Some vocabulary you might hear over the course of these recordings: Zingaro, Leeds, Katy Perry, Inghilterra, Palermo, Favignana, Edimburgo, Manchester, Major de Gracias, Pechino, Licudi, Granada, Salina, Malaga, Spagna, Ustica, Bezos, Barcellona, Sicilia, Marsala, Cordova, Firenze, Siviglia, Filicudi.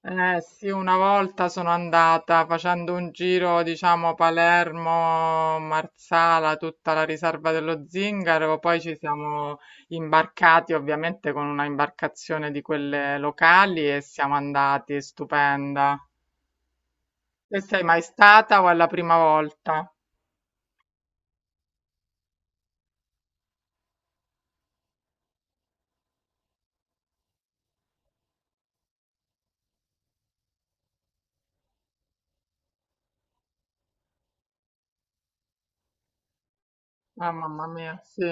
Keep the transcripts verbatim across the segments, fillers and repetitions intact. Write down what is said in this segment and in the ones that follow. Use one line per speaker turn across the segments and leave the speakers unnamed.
Eh sì, una volta sono andata facendo un giro, diciamo Palermo, Marsala, tutta la riserva dello Zingaro, poi ci siamo imbarcati ovviamente con una imbarcazione di quelle locali e siamo andati, è stupenda. E sei mai stata o è la prima volta? Ah, mamma mia, sì.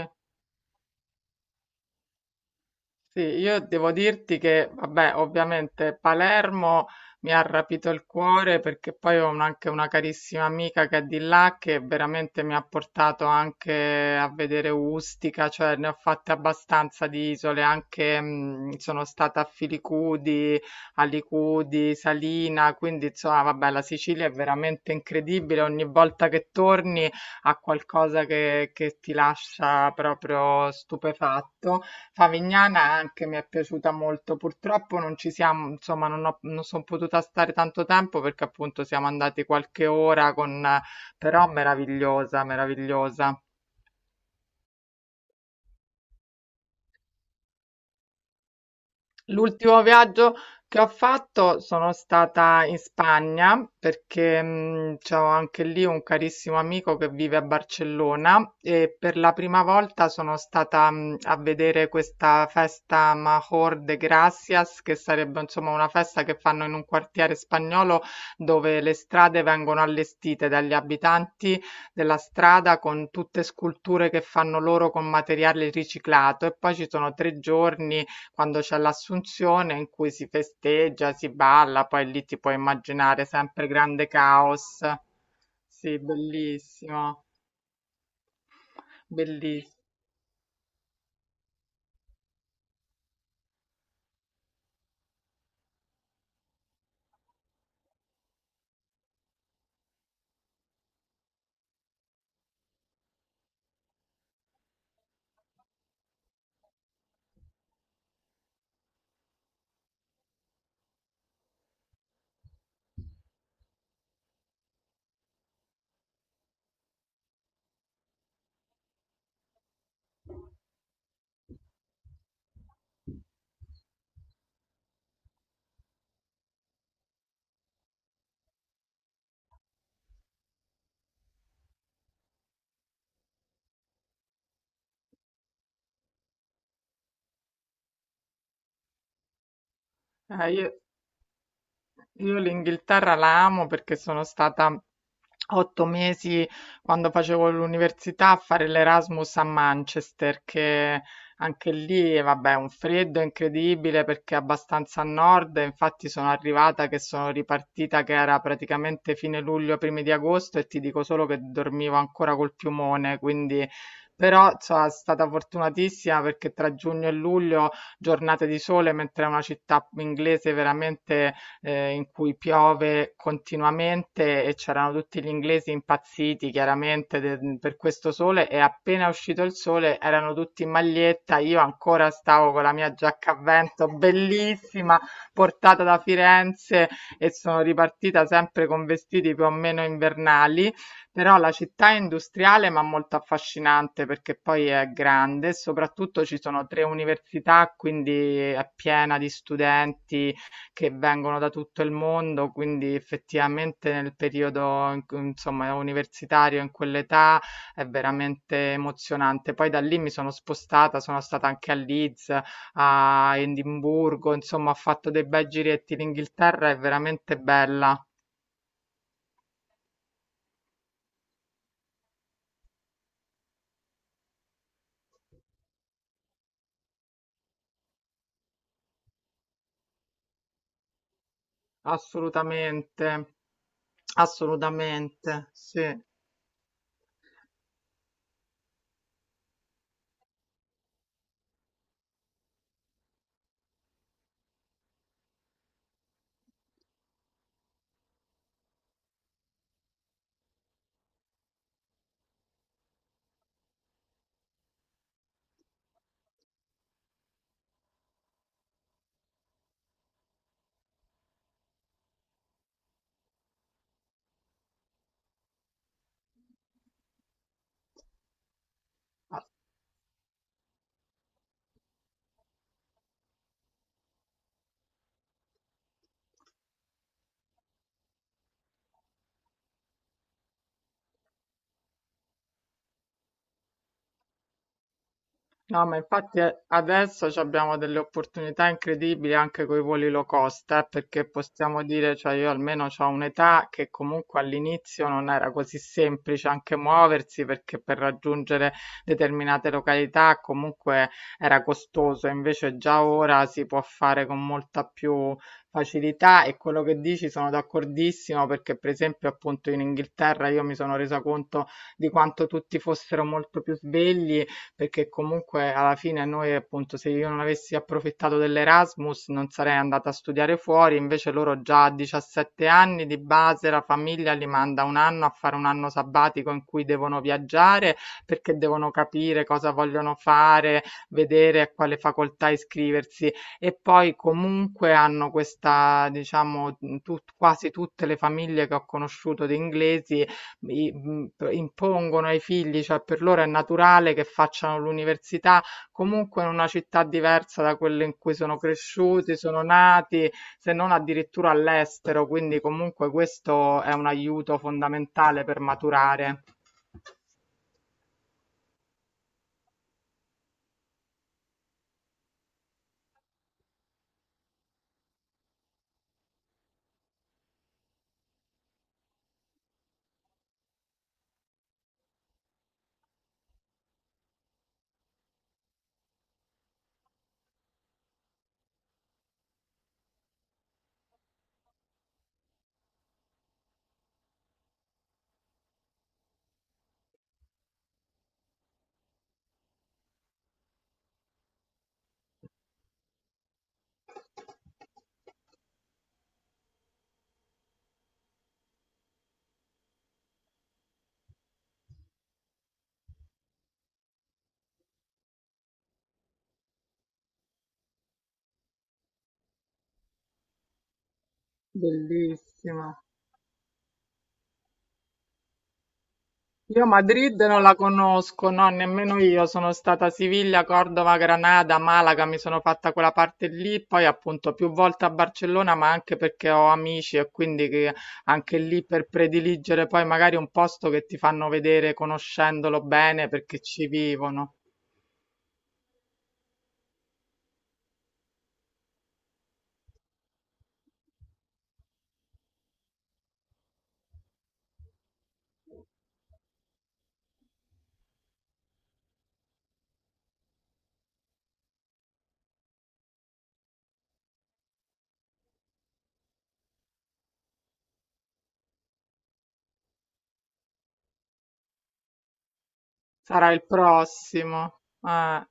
Sì, io devo dirti che, vabbè, ovviamente Palermo mi ha rapito il cuore perché poi ho un- anche una carissima amica che è di là che veramente mi ha portato anche a vedere Ustica, cioè ne ho fatte abbastanza di isole, anche mh, sono stata a Filicudi, a Licudi, Salina, quindi insomma, vabbè, la Sicilia è veramente incredibile, ogni volta che torni ha qualcosa che, che ti lascia proprio stupefatto. Favignana anche mi è piaciuta molto. Purtroppo non ci siamo, insomma, non ho, non sono potuta stare tanto tempo perché appunto siamo andati qualche ora con, però meravigliosa, meravigliosa. L'ultimo viaggio che ho fatto sono stata in Spagna perché mh, c'ho anche lì un carissimo amico che vive a Barcellona e per la prima volta sono stata mh, a vedere questa festa Major de Gracias, che sarebbe insomma una festa che fanno in un quartiere spagnolo dove le strade vengono allestite dagli abitanti della strada con tutte sculture che fanno loro con materiale riciclato e poi ci sono tre giorni quando c'è l'Assunzione in cui si festeggia, si balla, poi lì ti puoi immaginare sempre grande caos. Sì, bellissimo, bellissimo. Eh, io- Io l'Inghilterra la amo perché sono stata otto mesi quando facevo l'università a fare l'Erasmus a Manchester, che anche lì, vabbè, un freddo incredibile perché è abbastanza a nord, e infatti sono arrivata che sono ripartita che era praticamente fine luglio, primi di agosto e ti dico solo che dormivo ancora col piumone, quindi. Però sono stata fortunatissima perché tra giugno e luglio giornate di sole, mentre è una città inglese veramente eh, in cui piove continuamente e c'erano tutti gli inglesi impazziti chiaramente de- per questo sole e appena è uscito il sole erano tutti in maglietta, io ancora stavo con la mia giacca a vento bellissima portata da Firenze e sono ripartita sempre con vestiti più o meno invernali. Però la città è industriale ma molto affascinante perché poi è grande, soprattutto ci sono tre università, quindi è piena di studenti che vengono da tutto il mondo, quindi effettivamente nel periodo in cui insomma universitario, in quell'età, è veramente emozionante. Poi da lì mi sono spostata, sono stata anche a Leeds, a Edimburgo, insomma ho fatto dei bei giretti. L'Inghilterra è veramente bella, assolutamente, assolutamente, sì. No, ma infatti eh, adesso ci abbiamo delle opportunità incredibili anche con i voli low cost, eh, perché possiamo dire, cioè io almeno ho un'età che comunque all'inizio non era così semplice anche muoversi, perché per raggiungere determinate località comunque era costoso, invece già ora si può fare con molta più facilità e quello che dici sono d'accordissimo, perché per esempio appunto in Inghilterra io mi sono resa conto di quanto tutti fossero molto più svegli perché comunque alla fine noi, appunto, se io non avessi approfittato dell'Erasmus non sarei andata a studiare fuori, invece loro già a diciassette anni di base la famiglia li manda un anno a fare un anno sabbatico in cui devono viaggiare perché devono capire cosa vogliono fare, vedere a quale facoltà iscriversi e poi comunque hanno questa, diciamo, tut- quasi tutte le famiglie che ho conosciuto di inglesi i- mh, p- impongono ai figli, cioè per loro è naturale che facciano l'università comunque in una città diversa da quelle in cui sono cresciuti, sono nati, se non addirittura all'estero, quindi comunque questo è un aiuto fondamentale per maturare. Bellissimo. Io Madrid non la conosco, no, nemmeno io. Sono stata a Siviglia, Cordova, Granada, Malaga, mi sono fatta quella parte lì, poi appunto più volte a Barcellona, ma anche perché ho amici e quindi che anche lì per prediligere poi magari un posto che ti fanno vedere conoscendolo bene perché ci vivono. Sarà il prossimo. Eh.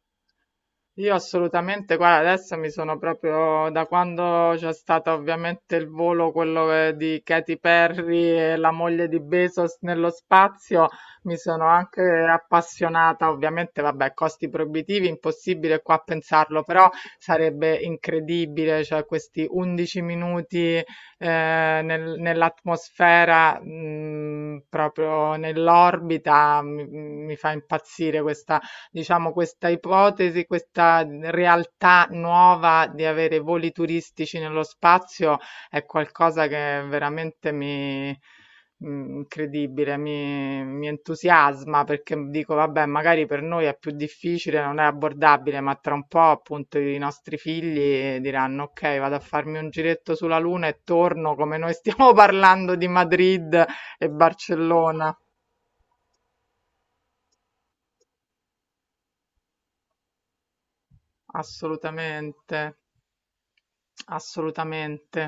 Io assolutamente, guarda, adesso mi sono proprio da quando c'è stato ovviamente il volo, quello eh, di Katy Perry e la moglie di Bezos nello spazio, mi sono anche appassionata, ovviamente, vabbè, costi proibitivi, impossibile qua pensarlo, però sarebbe incredibile, cioè questi undici minuti eh, nel- nell'atmosfera, mh, proprio nell'orbita, mi, mi fa impazzire questa diciamo, questa ipotesi, questa realtà nuova di avere voli turistici nello spazio è qualcosa che veramente mi, mm, incredibile, mi, mi entusiasma perché dico, vabbè, magari per noi è più difficile, non è abbordabile, ma tra un po' appunto i nostri figli diranno, ok, vado a farmi un giretto sulla Luna e torno come noi stiamo parlando di Madrid e Barcellona. Assolutamente, assolutamente.